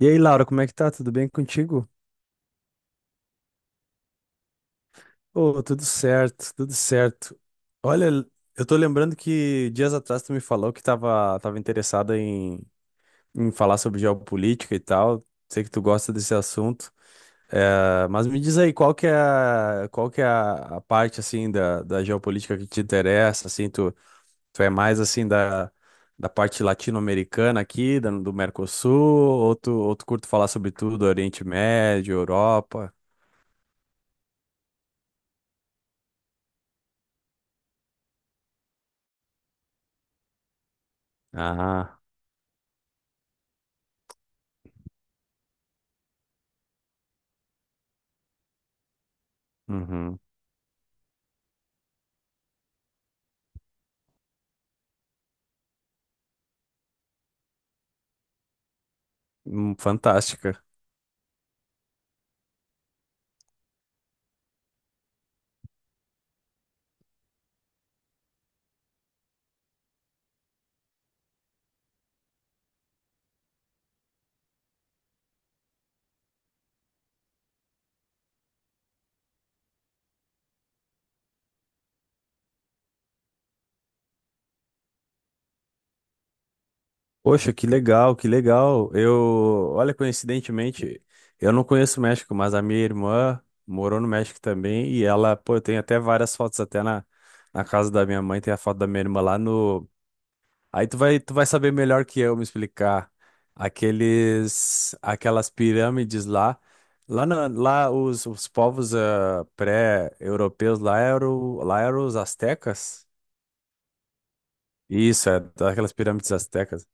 E aí, Laura, como é que tá? Tudo bem contigo? Ô, tudo certo, tudo certo. Olha, eu tô lembrando que dias atrás tu me falou que tava interessada em falar sobre geopolítica e tal. Sei que tu gosta desse assunto. É, mas me diz aí, qual que é a parte, assim, da geopolítica que te interessa? Assim, tu é mais, assim, da parte latino-americana aqui, do Mercosul? Ou tu curte falar sobre tudo, Oriente Médio, Europa? Ah. Uhum. Fantástica. Poxa, que legal, que legal. Olha, coincidentemente, eu não conheço o México, mas a minha irmã morou no México também e ela, pô, tem até várias fotos até na casa da minha mãe, tem a foto da minha irmã lá no. Aí tu vai saber melhor que eu me explicar. Aquelas pirâmides lá os povos pré-europeus lá eram os astecas. Isso, é daquelas pirâmides astecas.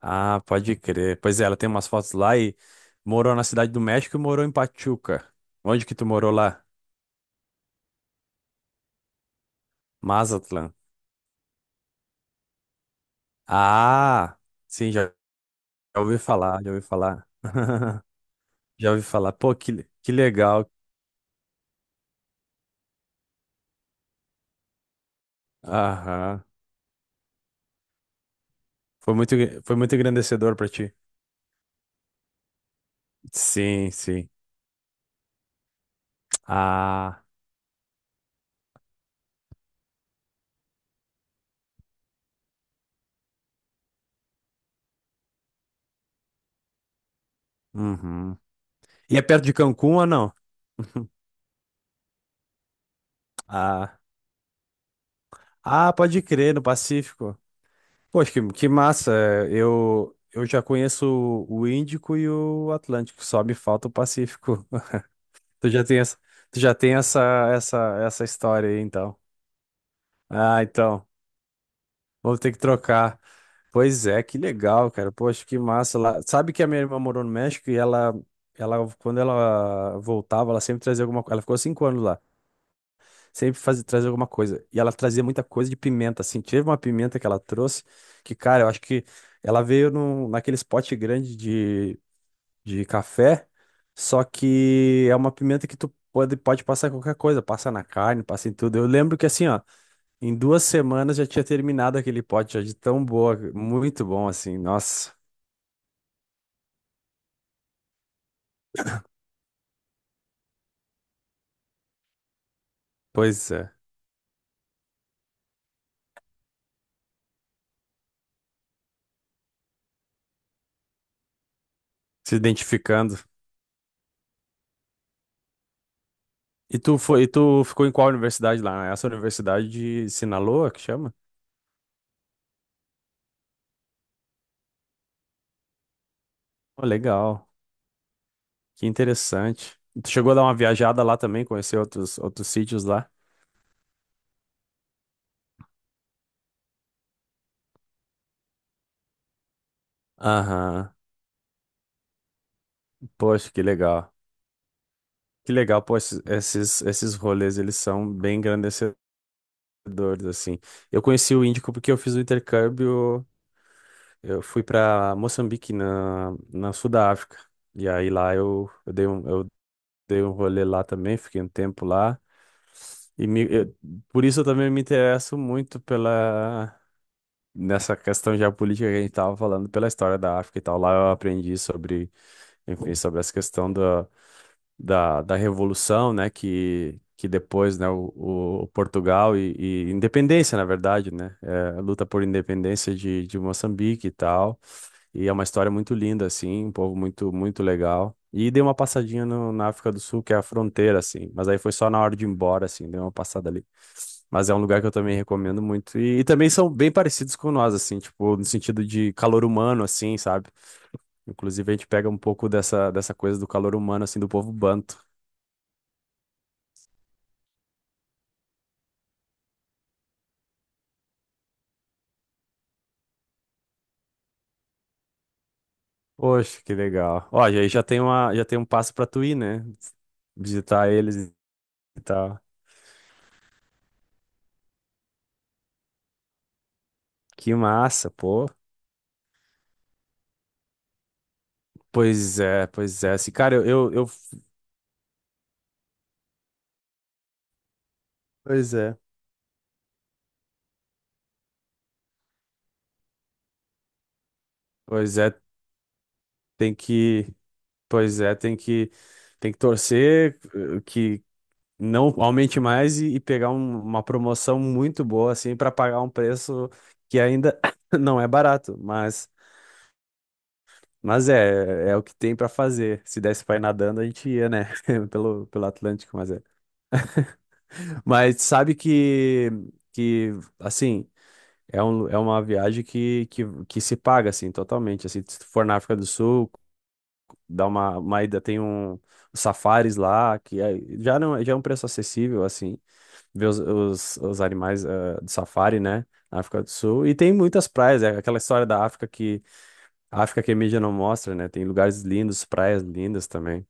Ah, pode crer. Pois é, ela tem umas fotos lá e morou na Cidade do México e morou em Pachuca. Onde que tu morou lá? Mazatlán. Ah, sim, já ouvi falar, já ouvi falar. Já ouvi falar. Pô, que legal. Aham. Foi muito, foi muito engrandecedor pra ti. Sim, sim. Ah, uhum. E é perto de Cancún ou não? Ah, ah, pode crer, no Pacífico. Poxa, que massa. Eu já conheço o Índico e o Atlântico, só me falta o Pacífico. Tu já tem essa, tu já tem essa, essa história aí, então. Ah, então, vou ter que trocar. Pois é, que legal, cara. Poxa, que massa lá. Sabe que a minha irmã morou no México e ela, quando ela voltava, ela sempre trazia alguma coisa. Ela ficou 5 anos lá. Traz alguma coisa. E ela trazia muita coisa de pimenta, assim. Teve uma pimenta que ela trouxe, que, cara, eu acho que ela veio naquele pote grande de café, só que é uma pimenta que tu pode passar em qualquer coisa, passa na carne, passa em tudo. Eu lembro que, assim, ó, em 2 semanas já tinha terminado aquele pote, já de tão boa, muito bom, assim, nossa. Pois é, se identificando. E tu ficou em qual universidade lá? É essa universidade de Sinaloa, que chama? Oh, legal. Que interessante. Tu chegou a dar uma viajada lá também, conhecer outros sítios lá? Aham. Poxa, que legal. Que legal, pô, esses rolês, eles são bem engrandecedores, assim. Eu conheci o Índico porque eu fiz o intercâmbio, eu fui para Moçambique, na sul da África. E aí lá eu dei um rolê lá também, fiquei um tempo lá. E me- eu- por isso eu também me interesso muito nessa questão geopolítica que a gente estava falando pela história da África e tal, lá eu aprendi sobre, enfim, sobre essa questão da revolução, né, que depois, né, o Portugal e independência, na verdade, né, a luta por independência de Moçambique e tal, e é uma história muito linda, assim, um povo muito, muito legal. E dei uma passadinha na África do Sul, que é a fronteira, assim. Mas aí foi só na hora de ir embora, assim, dei uma passada ali. Mas é um lugar que eu também recomendo muito. E também são bem parecidos com nós, assim, tipo, no sentido de calor humano, assim, sabe? Inclusive a gente pega um pouco dessa coisa do calor humano, assim, do povo banto. Poxa, que legal. Ó, e aí já tem um passo pra tu ir, né? Visitar eles e tal. Que massa, pô. Pois é, pois é. Assim, cara. Eu Pois é, pois é, tem que, pois é, tem que, tem que torcer que não aumente mais e pegar uma promoção muito boa assim para pagar um preço que ainda não é barato, mas é o que tem para fazer. Se desse para ir nadando, a gente ia, né, pelo Atlântico, mas é. Mas sabe que assim, é uma viagem que se paga assim totalmente, assim, se tu for na África do Sul, Dá uma ida, tem um os safaris lá, já não, já é um preço acessível, assim, ver os animais do safari, né? Na África do Sul. E tem muitas praias, é aquela história da África que a mídia não mostra, né? Tem lugares lindos, praias lindas também.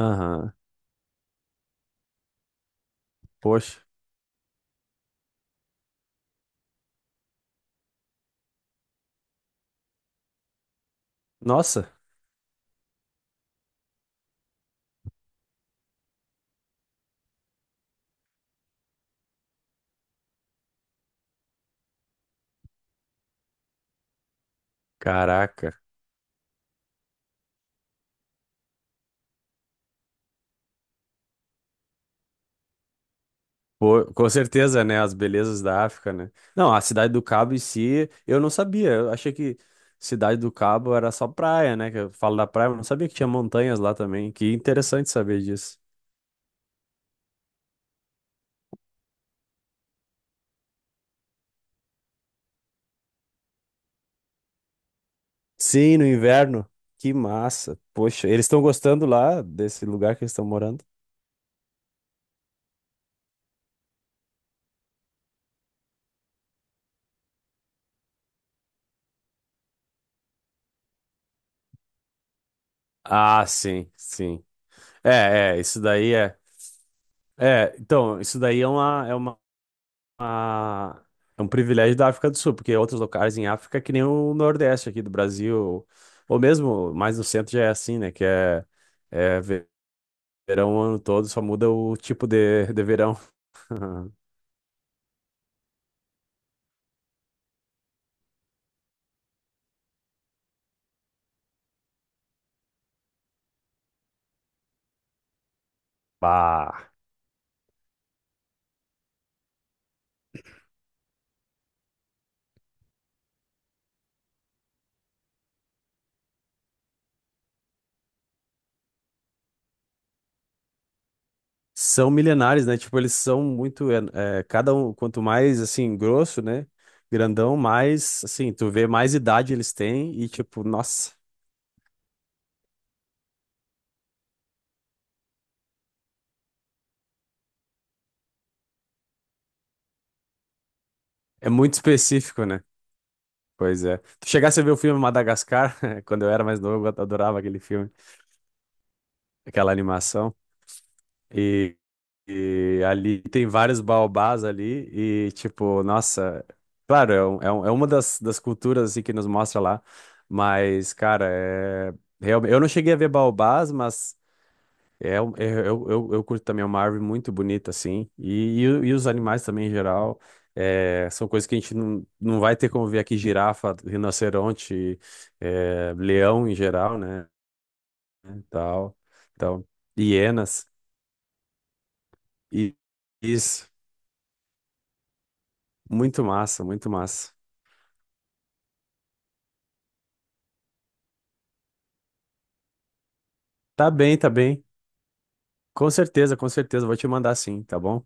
Aham. Poxa. Nossa, caraca. Pô, com certeza, né? As belezas da África, né? Não, a Cidade do Cabo em si, eu não sabia. Eu achei que Cidade do Cabo era só praia, né? Que eu falo da praia, mas não sabia que tinha montanhas lá também. Que interessante saber disso. Sim, no inverno. Que massa. Poxa, eles estão gostando lá desse lugar que eles estão morando? Ah, sim, sim. É, isso daí é. É, então, isso daí uma- é um privilégio da África do Sul, porque outros locais em África, que nem o Nordeste aqui do Brasil, ou mesmo mais no centro já é assim, né? Que é verão o ano todo, só muda o tipo de verão. Bah. São milenares, né? Tipo, eles são muito. É, cada um, quanto mais assim, grosso, né? Grandão, mais assim, tu vê mais idade eles têm e, tipo, nossa, é muito específico, né? Pois é. Tu chegasse a ver o filme Madagascar, quando eu era mais novo, eu adorava aquele filme, aquela animação. E, e ali tem vários baobás ali e, tipo, nossa, claro, é uma das culturas assim, que nos mostra lá, mas, cara, realmente, eu não cheguei a ver baobás, mas eu curto também, é uma árvore muito bonita, assim, e os animais também em geral, São coisas que a gente não vai ter como ver aqui, girafa, rinoceronte, leão em geral, né, e tal, então, hienas. I- Isso. Muito massa, muito massa. Tá bem, tá bem. Com certeza, com certeza. Vou te mandar sim, tá bom?